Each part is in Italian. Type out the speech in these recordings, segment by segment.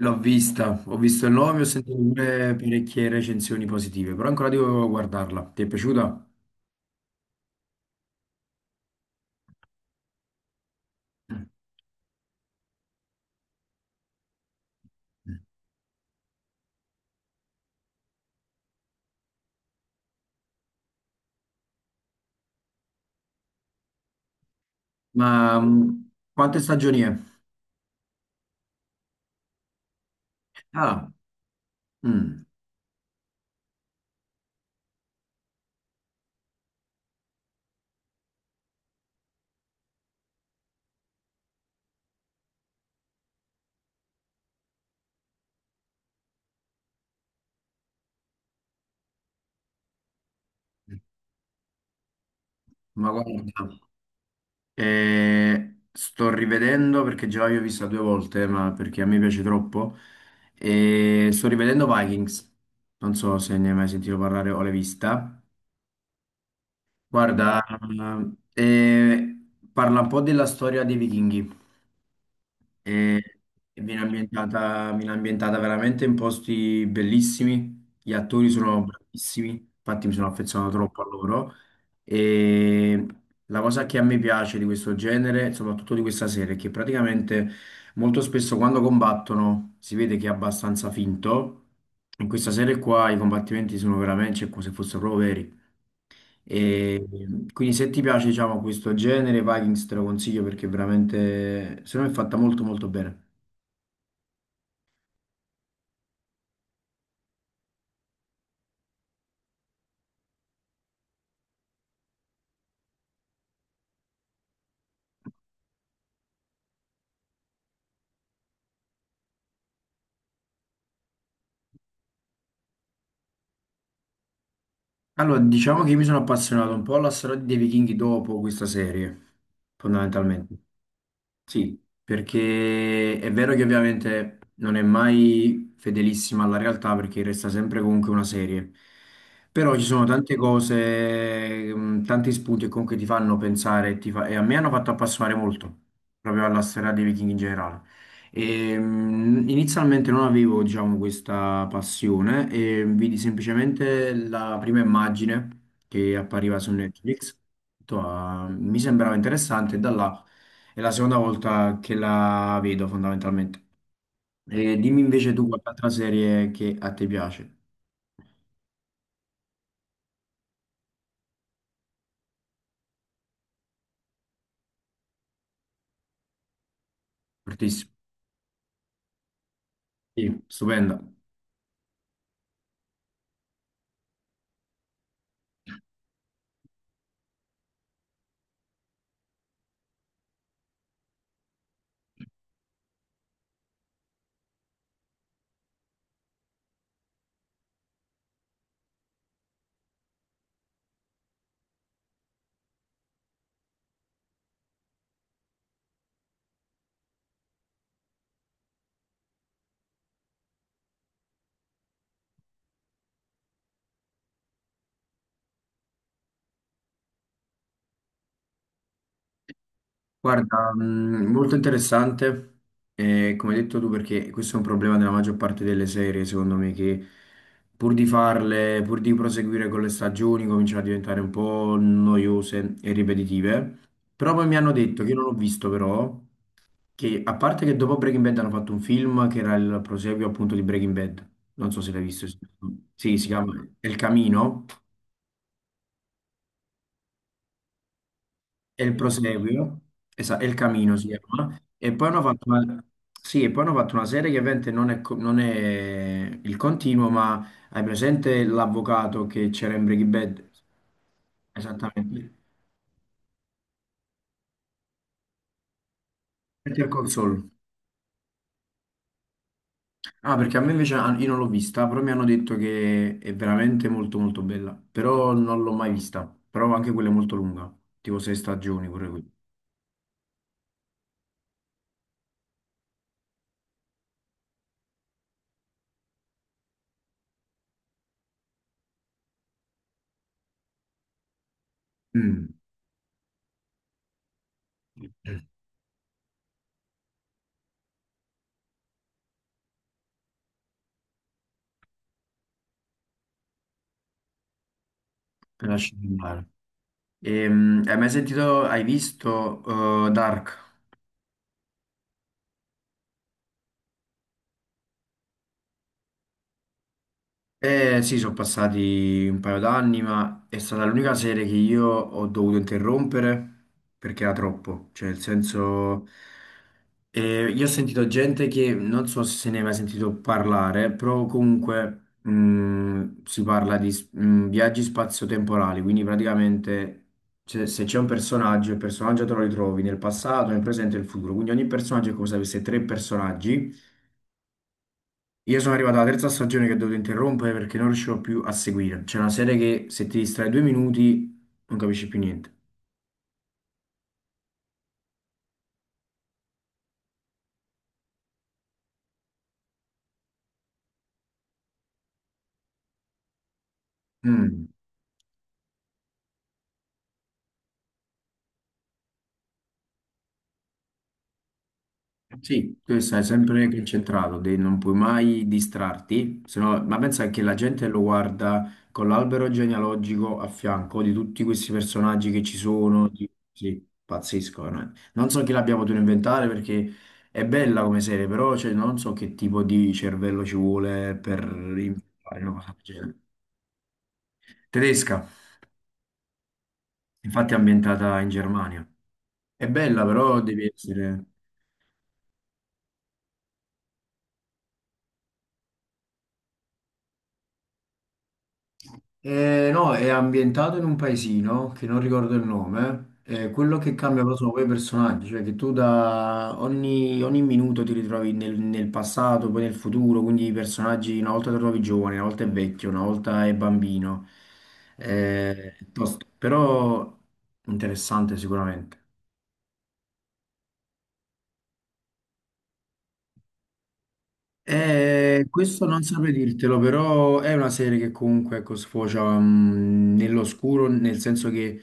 L'ho vista, ho visto il nome, ho sentito pure parecchie recensioni positive, però ancora devo guardarla. Ti è piaciuta? Ma quante stagioni è? Ah, mm, ma guarda, sto rivedendo perché già l'ho vista due volte, ma perché a me piace troppo. E sto rivedendo Vikings. Non so se ne hai mai sentito parlare o l'hai vista. Guarda, eh, eh, parla un po' della storia dei vichinghi. e e viene ambientata veramente in posti bellissimi, gli attori sono bravissimi, infatti mi sono affezionato troppo a loro e la cosa che a me piace di questo genere, soprattutto di questa serie, è che praticamente molto spesso quando combattono si vede che è abbastanza finto. In questa serie qua i combattimenti sono veramente cioè, come se fossero proprio veri. E quindi se ti piace, diciamo, questo genere, Vikings te lo consiglio perché veramente, secondo me è fatta molto molto bene. Allora, diciamo che io mi sono appassionato un po' alla storia dei vichinghi dopo questa serie, fondamentalmente. Sì, perché è vero che ovviamente non è mai fedelissima alla realtà perché resta sempre comunque una serie, però ci sono tante cose, tanti spunti che comunque ti fanno pensare e, e a me hanno fatto appassionare molto proprio alla storia dei Viking in generale. E, inizialmente non avevo, diciamo, questa passione e vidi semplicemente la prima immagine che appariva su Netflix. Ho detto, "Ah, mi sembrava interessante" e da là... È la seconda volta che la vedo fondamentalmente. E dimmi invece tu qualche altra serie che a te piace. Fortissimo. Sì, stupenda. Guarda, molto interessante, come hai detto tu, perché questo è un problema della maggior parte delle serie, secondo me, che pur di farle, pur di proseguire con le stagioni, cominciano a diventare un po' noiose e ripetitive. Però poi mi hanno detto, che io non l'ho visto però, che a parte che dopo Breaking Bad hanno fatto un film che era il proseguio appunto di Breaking Bad. Non so se l'hai visto. Sì, si chiama El Camino. È il proseguio. Esatto, El Camino si chiama. E poi hanno fatto una, sì, e poi hanno fatto una serie che ovviamente non è, non è il continuo, ma hai presente l'avvocato che c'era in Breaking Bad? Esattamente. Better Call Saul. Ah, perché a me invece ah, io non l'ho vista, però mi hanno detto che è veramente molto molto bella. Però non l'ho mai vista. Però anche quella è molto lunga, tipo sei stagioni pure qui. Mm. Lasci andare. Hai mai sentito, hai visto Dark? Eh sì, sono passati un paio d'anni, ma è stata l'unica serie che io ho dovuto interrompere perché era troppo. Cioè, nel senso, io ho sentito gente che non so se se ne è mai sentito parlare, però comunque si parla di viaggi spazio-temporali, quindi praticamente cioè, se c'è un personaggio, il personaggio te lo ritrovi nel passato, nel presente e nel futuro. Quindi ogni personaggio è come se avesse tre personaggi. Io sono arrivato alla terza stagione che ho dovuto interrompere perché non riuscivo più a seguire. C'è una serie che se ti distrai due minuti non capisci più niente. Mm. Sì, tu stai sempre concentrato, non puoi mai distrarti, se no- ma pensa che la gente lo guarda con l'albero genealogico a fianco di tutti questi personaggi che ci sono. Sì, pazzesco. No? Non so chi l'abbia potuto inventare perché è bella come serie, però cioè, non so che tipo di cervello ci vuole per inventare una cosa del genere. Tedesca. Infatti è ambientata in Germania. È bella, però devi essere... no, è ambientato in un paesino che non ricordo il nome. Quello che cambia però sono poi i personaggi, cioè che tu da ogni minuto ti ritrovi nel passato, poi nel futuro, quindi i personaggi una volta ti trovi giovane, una volta è vecchio, una volta è bambino. Tosto, però interessante sicuramente. Questo non saprei dirtelo, però è una serie che comunque ecco, sfocia nell'oscuro, nel senso che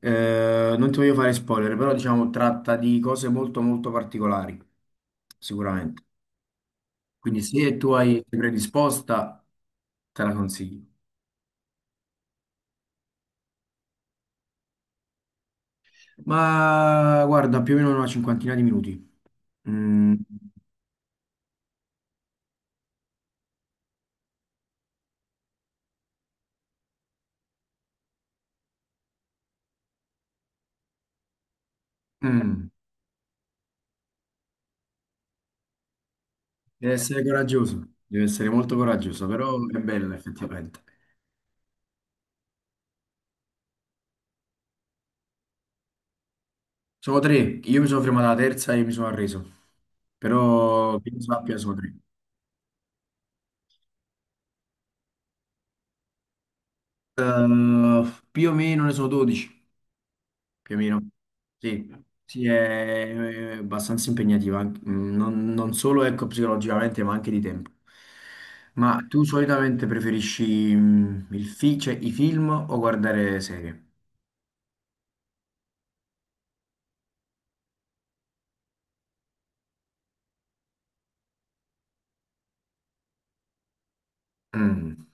non ti voglio fare spoiler, però diciamo tratta di cose molto molto particolari, sicuramente. Quindi se tu hai sei predisposta, te la consiglio. Ma guarda, più o meno una cinquantina di minuti. Mm, mm, deve essere coraggioso, deve essere molto coraggioso, però è bella effettivamente. Sono tre, io mi sono fermato alla terza e mi sono arreso, però che io sappia sono tre. Eh, più o meno ne sono 12, più o meno. Sì, sì, è abbastanza impegnativa, non, non solo ecco, psicologicamente, ma anche di tempo. Ma tu solitamente preferisci il cioè, i film o guardare serie? Mm,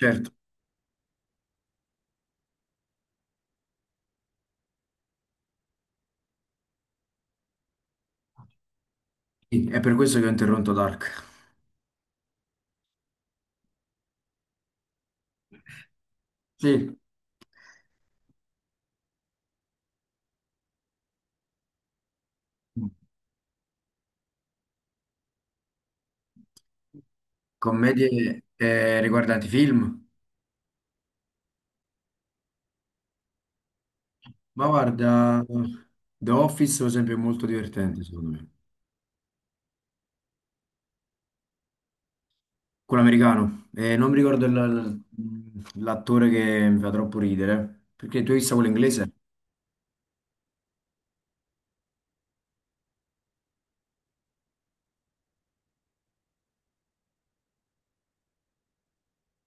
certo. Sì, è per questo che ho interrotto Dark. Sì, commedie riguardanti film. Ma guarda, The Office per esempio è molto divertente secondo me. Quello americano. Non mi ricordo il- l'attore che mi fa troppo ridere. Perché tu hai visto quello inglese?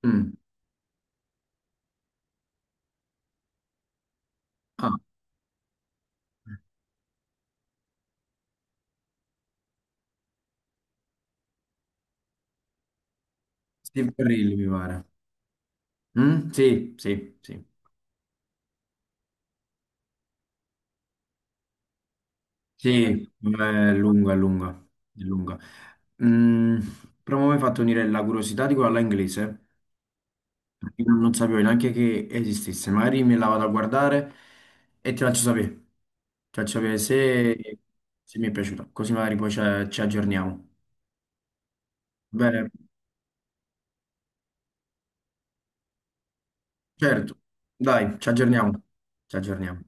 Mm. Ah, Steve Carell mi pare. Mm? Sì, sì, sì. Sì, è lunga, è lunga, è lunga. Mm, però mi hai fatto venire la curiosità di quella là inglese. Io non sapevo neanche che esistesse, magari me la vado a guardare e ti faccio sapere se, se mi è piaciuta, così magari poi ci, ci aggiorniamo. Bene, certo, dai, ci aggiorniamo, ci aggiorniamo.